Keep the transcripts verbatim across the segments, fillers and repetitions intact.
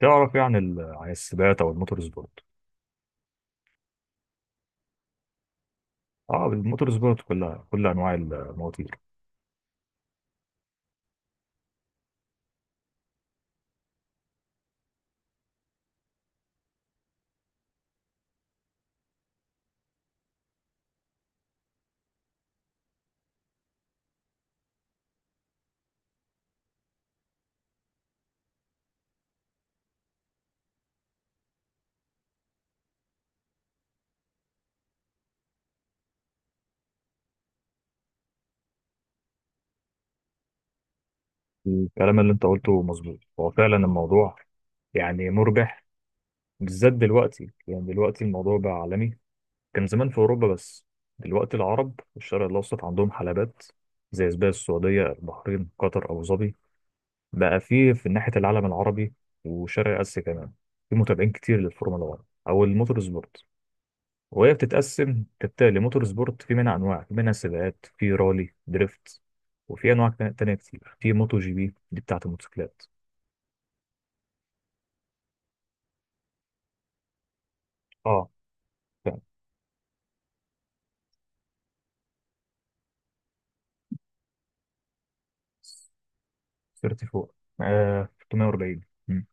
تعرف ايه عن ال- عن السباقات او الموتور سبورت. اه، الموتور سبورت كلها، كل انواع المواتير. الكلام اللي انت قلته مظبوط، هو فعلا الموضوع يعني مربح، بالذات دلوقتي. يعني دلوقتي الموضوع بقى عالمي. كان زمان في اوروبا بس، دلوقتي العرب في الشرق الاوسط عندهم حلبات زي سباق السعوديه، البحرين، قطر، ابو ظبي. بقى فيه في ناحيه العالم العربي وشرق اسيا كمان في متابعين كتير للفورمولا واحد او الموتور سبورت. وهي بتتقسم كالتالي: موتور سبورت في منها أنواع، في منها سباقات، في رالي، دريفت، وفي أنواع كا- تانية كتير، في موتو جي بي دي بتاعة الموتوسيكلات. اه فعلا. أربعة وتلاتين، آه تلتمية وأربعين. مم.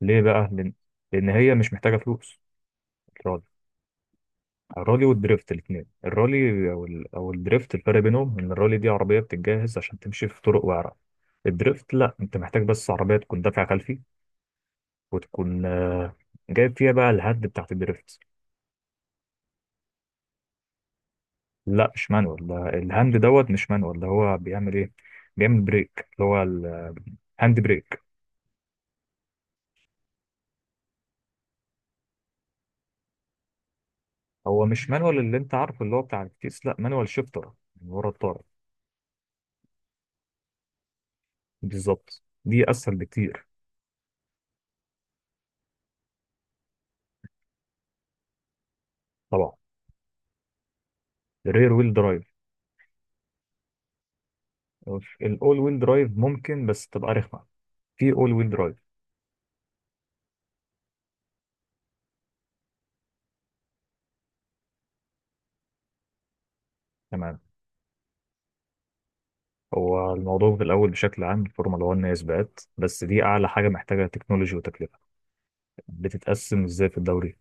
ليه بقى؟ لأن لأن هي مش محتاجة فلوس، الرالي. الرالي والدريفت الاتنين، الرالي أو ال... أو الدريفت، الفرق بينهم إن الرالي دي عربية بتتجهز عشان تمشي في طرق وعرة. الدريفت لا، أنت محتاج بس عربية تكون دافع خلفي، وتكون آه، جايب فيها بقى الهد بتاعت الدريفت. لا مش مانوال، ده الهاند. دوت مش مانوال، ده هو بيعمل ايه؟ بيعمل بريك اللي هو الهاند بريك. هو مش مانوال اللي انت عارفه اللي هو بتاع الكيس، لا مانوال شيفتر من ورا الطارة. بالظبط، دي اسهل بكتير. طبعا، الرير ويل درايف. الاول ويل درايف ممكن بس تبقى رخمه في اول ويل درايف. تمام. هو الموضوع في الاول بشكل عام، الفورمولا واحد هي سباقات بس، دي اعلى حاجه محتاجه تكنولوجي وتكلفه. بتتقسم ازاي؟ في الدوري،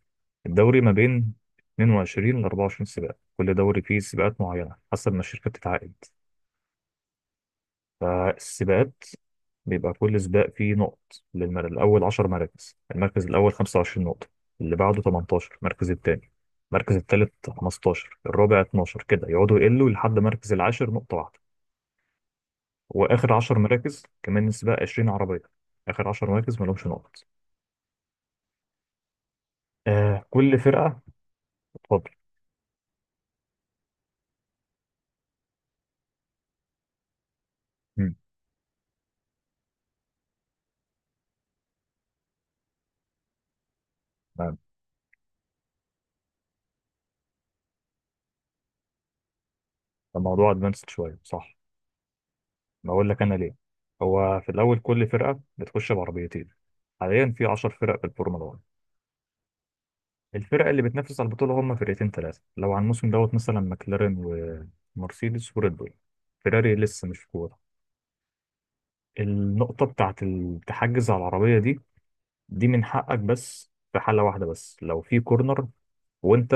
الدوري ما بين اتنين وعشرين ل أربعة وعشرين سباق، كل دوري فيه سباقات معينة حسب ما الشركة بتتعاقد. فالسباقات بيبقى كل سباق فيه نقط للمر... الأول عشر مراكز: المركز الأول 25 نقطة، اللي بعده تمانية عشر المركز التاني، المركز التالت خمستاشر، الرابع اتناشر، كده يقعدوا يقلوا لحد مركز العاشر نقطة واحدة. وآخر عشر مراكز، كمان السباق عشرين عربية، آخر عشر مراكز مالهمش نقط. آه، كل فرقة. اتفضل. مم. تمام. الموضوع ادفانسد شوية، صح؟ بقول لك انا ليه. هو في الاول كل فرقه بتخش بعربيتين، حاليا في عشر فرق في الفورمولا واحد. الفرق اللي بتنافس على البطوله هم فرقتين ثلاثه لو على الموسم، دوت مثلا ماكلارين ومرسيدس وريد بول. فيراري لسه مش في كوره. النقطه بتاعت التحجز على العربيه دي دي من حقك، بس في حاله واحده بس: لو في كورنر، وانت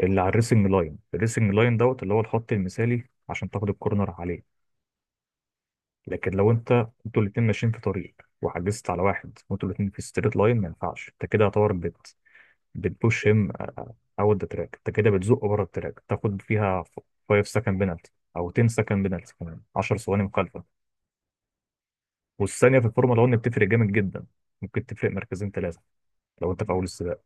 اللي على الريسنج لاين، الريسنج لاين دوت اللي هو الخط المثالي عشان تاخد الكورنر عليه. لكن لو انت، انتوا الاتنين ماشيين في طريق وحجزت على واحد وانتوا الاتنين في ستريت لاين، ما ينفعش. انت كده يعتبر بت بتبوش هيم اوت ذا تراك، انت كده بتزقه بره التراك. تاخد فيها خمسة سكند بينالتي او عشر سكند بينالتي، كمان عشر ثواني مخالفه. والثانيه في الفورمولا واحد بتفرق جامد جدا، ممكن تفرق مركزين ثلاثه لو انت في اول السباق.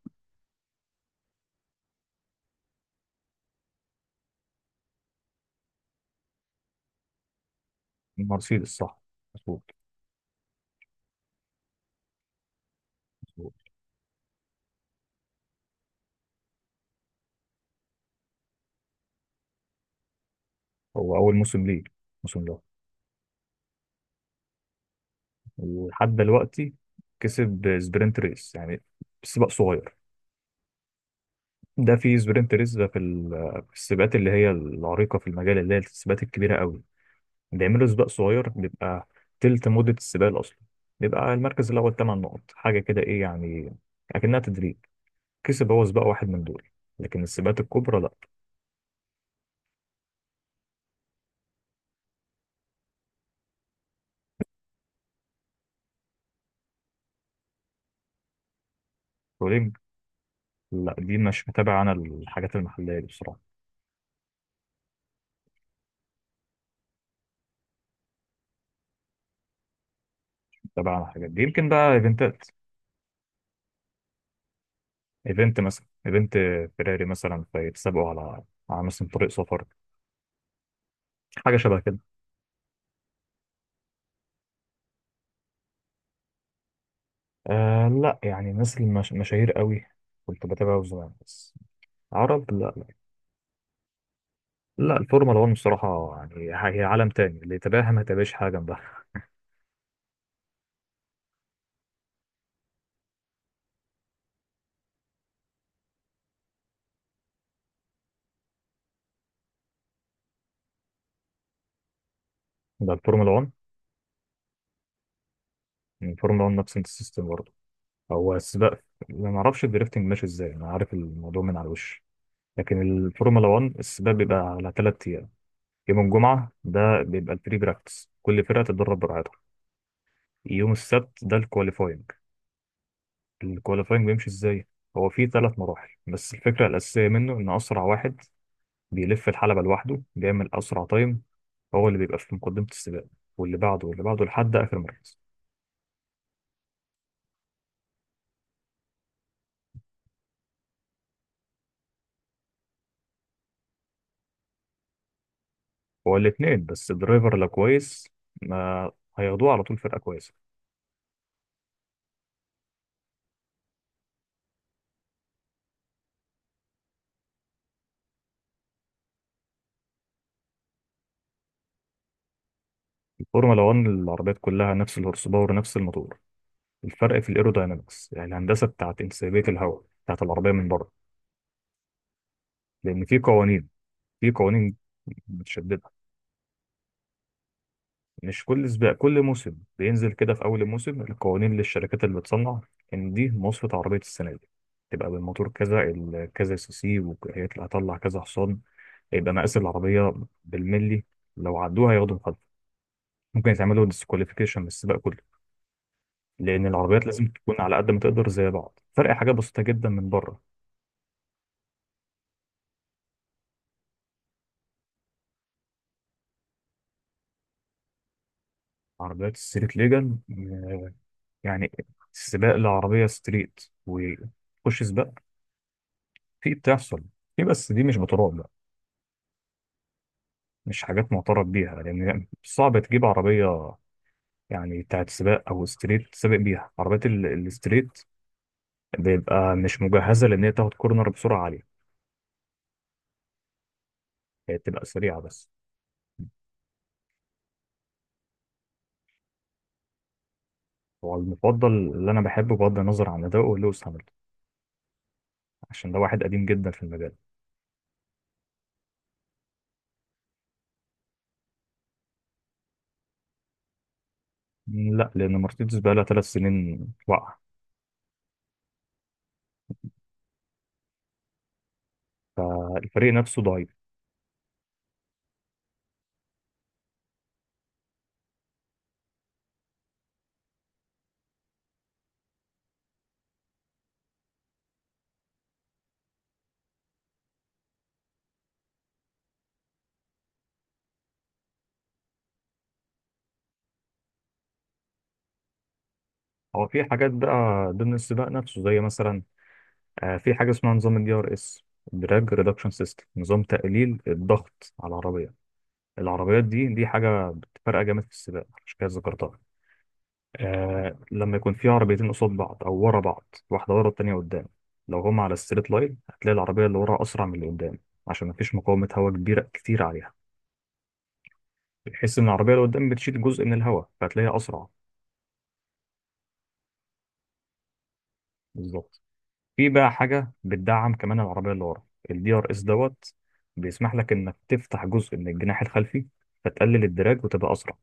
مرسيدس، صح. مظبوط. مظبوط. هو اول موسم ليه، الموسم ده. ولحد دلوقتي كسب سبرنت ريس، يعني سباق صغير. ده في سبرنت ريس، ده في ال- في السباقات اللي هي العريقة في المجال، اللي هي السباقات الكبيرة قوي، بيعملوا سباق صغير بيبقى تلت مدة السباق الأصلي، بيبقى المركز الأول تمن نقط، حاجة كده. إيه يعني، أكنها تدريب. كسب هو سباق واحد من دول، لكن السباقات الكبرى لا. بولينج؟ لا دي مش متابع أنا الحاجات المحلية دي بصراحة. متابع أنا الحاجات دي، يمكن بقى إيفنتات. إيفنت مثلا، إيفنت فيراري مثلا، فيتسابقوا على على مثلا طريق سفر، حاجة شبه كده. آه لا، يعني ناس المش... مشاهير قوي كنت بتابعه زمان بس. عرب؟ لا لا، لا الفورمولا واحد بصراحة يعني هي عالم تاني، اللي يتابعها ما يتابعش حاجة جنبها. ده الفورمولا واحد. الفورمولا واحد نفس السيستم برضه، هو سباق. أنا ما اعرفش الدريفتنج ماشي ازاي، انا عارف الموضوع من على الوش. لكن الفورمولا واحد السباق بيبقى على ثلاث ايام: يوم الجمعة ده بيبقى البري براكتس، كل فرقة تتدرب براحتها. يوم السبت ده الكواليفاينج. الكواليفاينج بيمشي ازاي؟ هو فيه ثلاث مراحل، بس الفكره الاساسيه منه ان اسرع واحد بيلف الحلبه لوحده بيعمل اسرع تايم هو اللي بيبقى في مقدمه السباق، واللي بعده واللي بعده لحد اخر مركز. هو الاثنين، بس الدرايفر لو كويس ما هياخدوه على طول فرقه كويسه. الفورمولا واحد العربيات كلها نفس الهورس باور، نفس الموتور. الفرق في الايروداينامكس، يعني الهندسه بتاعت انسيابيه الهواء بتاعت العربيه من بره. لان في قوانين، في قوانين متشدده. مش كل سباق، كل موسم بينزل كده في اول الموسم القوانين للشركات اللي بتصنع، ان دي مواصفة عربية السنة دي، تبقى بالموتور كذا، ال- كذا سي سي، وهيطلع هطلع كذا حصان، هيبقى مقاس العربية بالملي. لو عدوها هياخدوا مخالفة، ممكن يتعملوا ديسكواليفيكيشن من السباق كله، لان العربيات لازم تكون على قد ما تقدر زي بعض، فرق حاجة بسيطة جدا من بره. عربيات الستريت ليجل، آه، يعني سباق لعربية ستريت، وتخش سباق. في، بتحصل، في بس دي مش بتراض، مش حاجات معترف بيها، لان صعب تجيب عربيه يعني بتاعت سباق او ستريت سابق بيها. عربيات ال- الستريت بيبقى مش مجهزه، لان هي تاخد كورنر بسرعه عاليه. هي بتبقى سريعه بس. هو المفضل اللي انا بحبه بغض النظر عن اداؤه لويس هامilton، عشان ده واحد قديم جدا في المجال. لا، لان مرسيدس بقى لها ثلاث سنين واقعه، فالفريق نفسه ضعيف. هو في حاجات بقى ضمن السباق نفسه، زي مثلا، آه، في حاجه اسمها نظام الدي ار اس، دراج ريدكشن سيستم، نظام تقليل الضغط على العربيه. العربيات دي دي حاجة بتفرق جامد في السباق، عشان كده ذكرتها. آه، لما يكون في عربيتين قصاد بعض أو ورا بعض، واحدة ورا التانية قدام، لو هما على الستريت لاين هتلاقي العربية اللي ورا أسرع من اللي قدام عشان مفيش مقاومة هواء كبيرة كتير عليها. بتحس إن العربية اللي قدام بتشيل جزء من الهواء، فهتلاقيها أسرع. بالظبط. في بقى حاجة بتدعم كمان العربية اللي ورا، الدي ار اس، دوت بيسمح لك إنك تفتح جزء من الجناح الخلفي فتقلل الدراج وتبقى أسرع.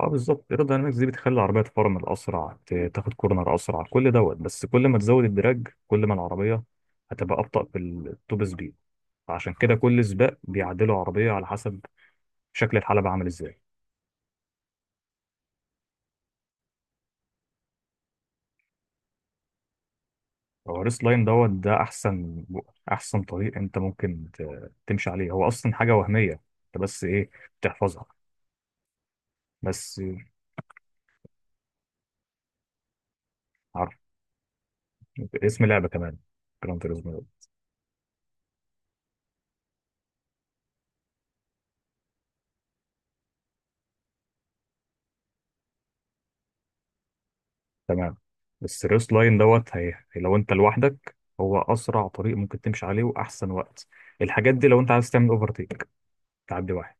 اه بالظبط، الايروداينامكس دي بتخلي العربيه تفرمل اسرع، ت- تاخد كورنر اسرع، كل، دوت بس كل ما تزود الدراج كل ما العربيه هتبقى ابطأ في التوب سبيد، فعشان كده كل سباق بيعدلوا عربيه على حسب شكل الحلبة عامل ازاي. هو الريس لاين دوت ده احسن، احسن طريق انت ممكن ت- تمشي عليه، هو اصلا حاجه وهميه، انت بس ايه، بتحفظها. بس، عارف، اسم لعبه كمان، جراند توريزمو. تمام. بس الريست لاين دوت هي لو انت لوحدك، هو اسرع طريق ممكن تمشي عليه واحسن وقت. الحاجات دي لو انت عايز تعمل اوفرتيك، تعدي واحد.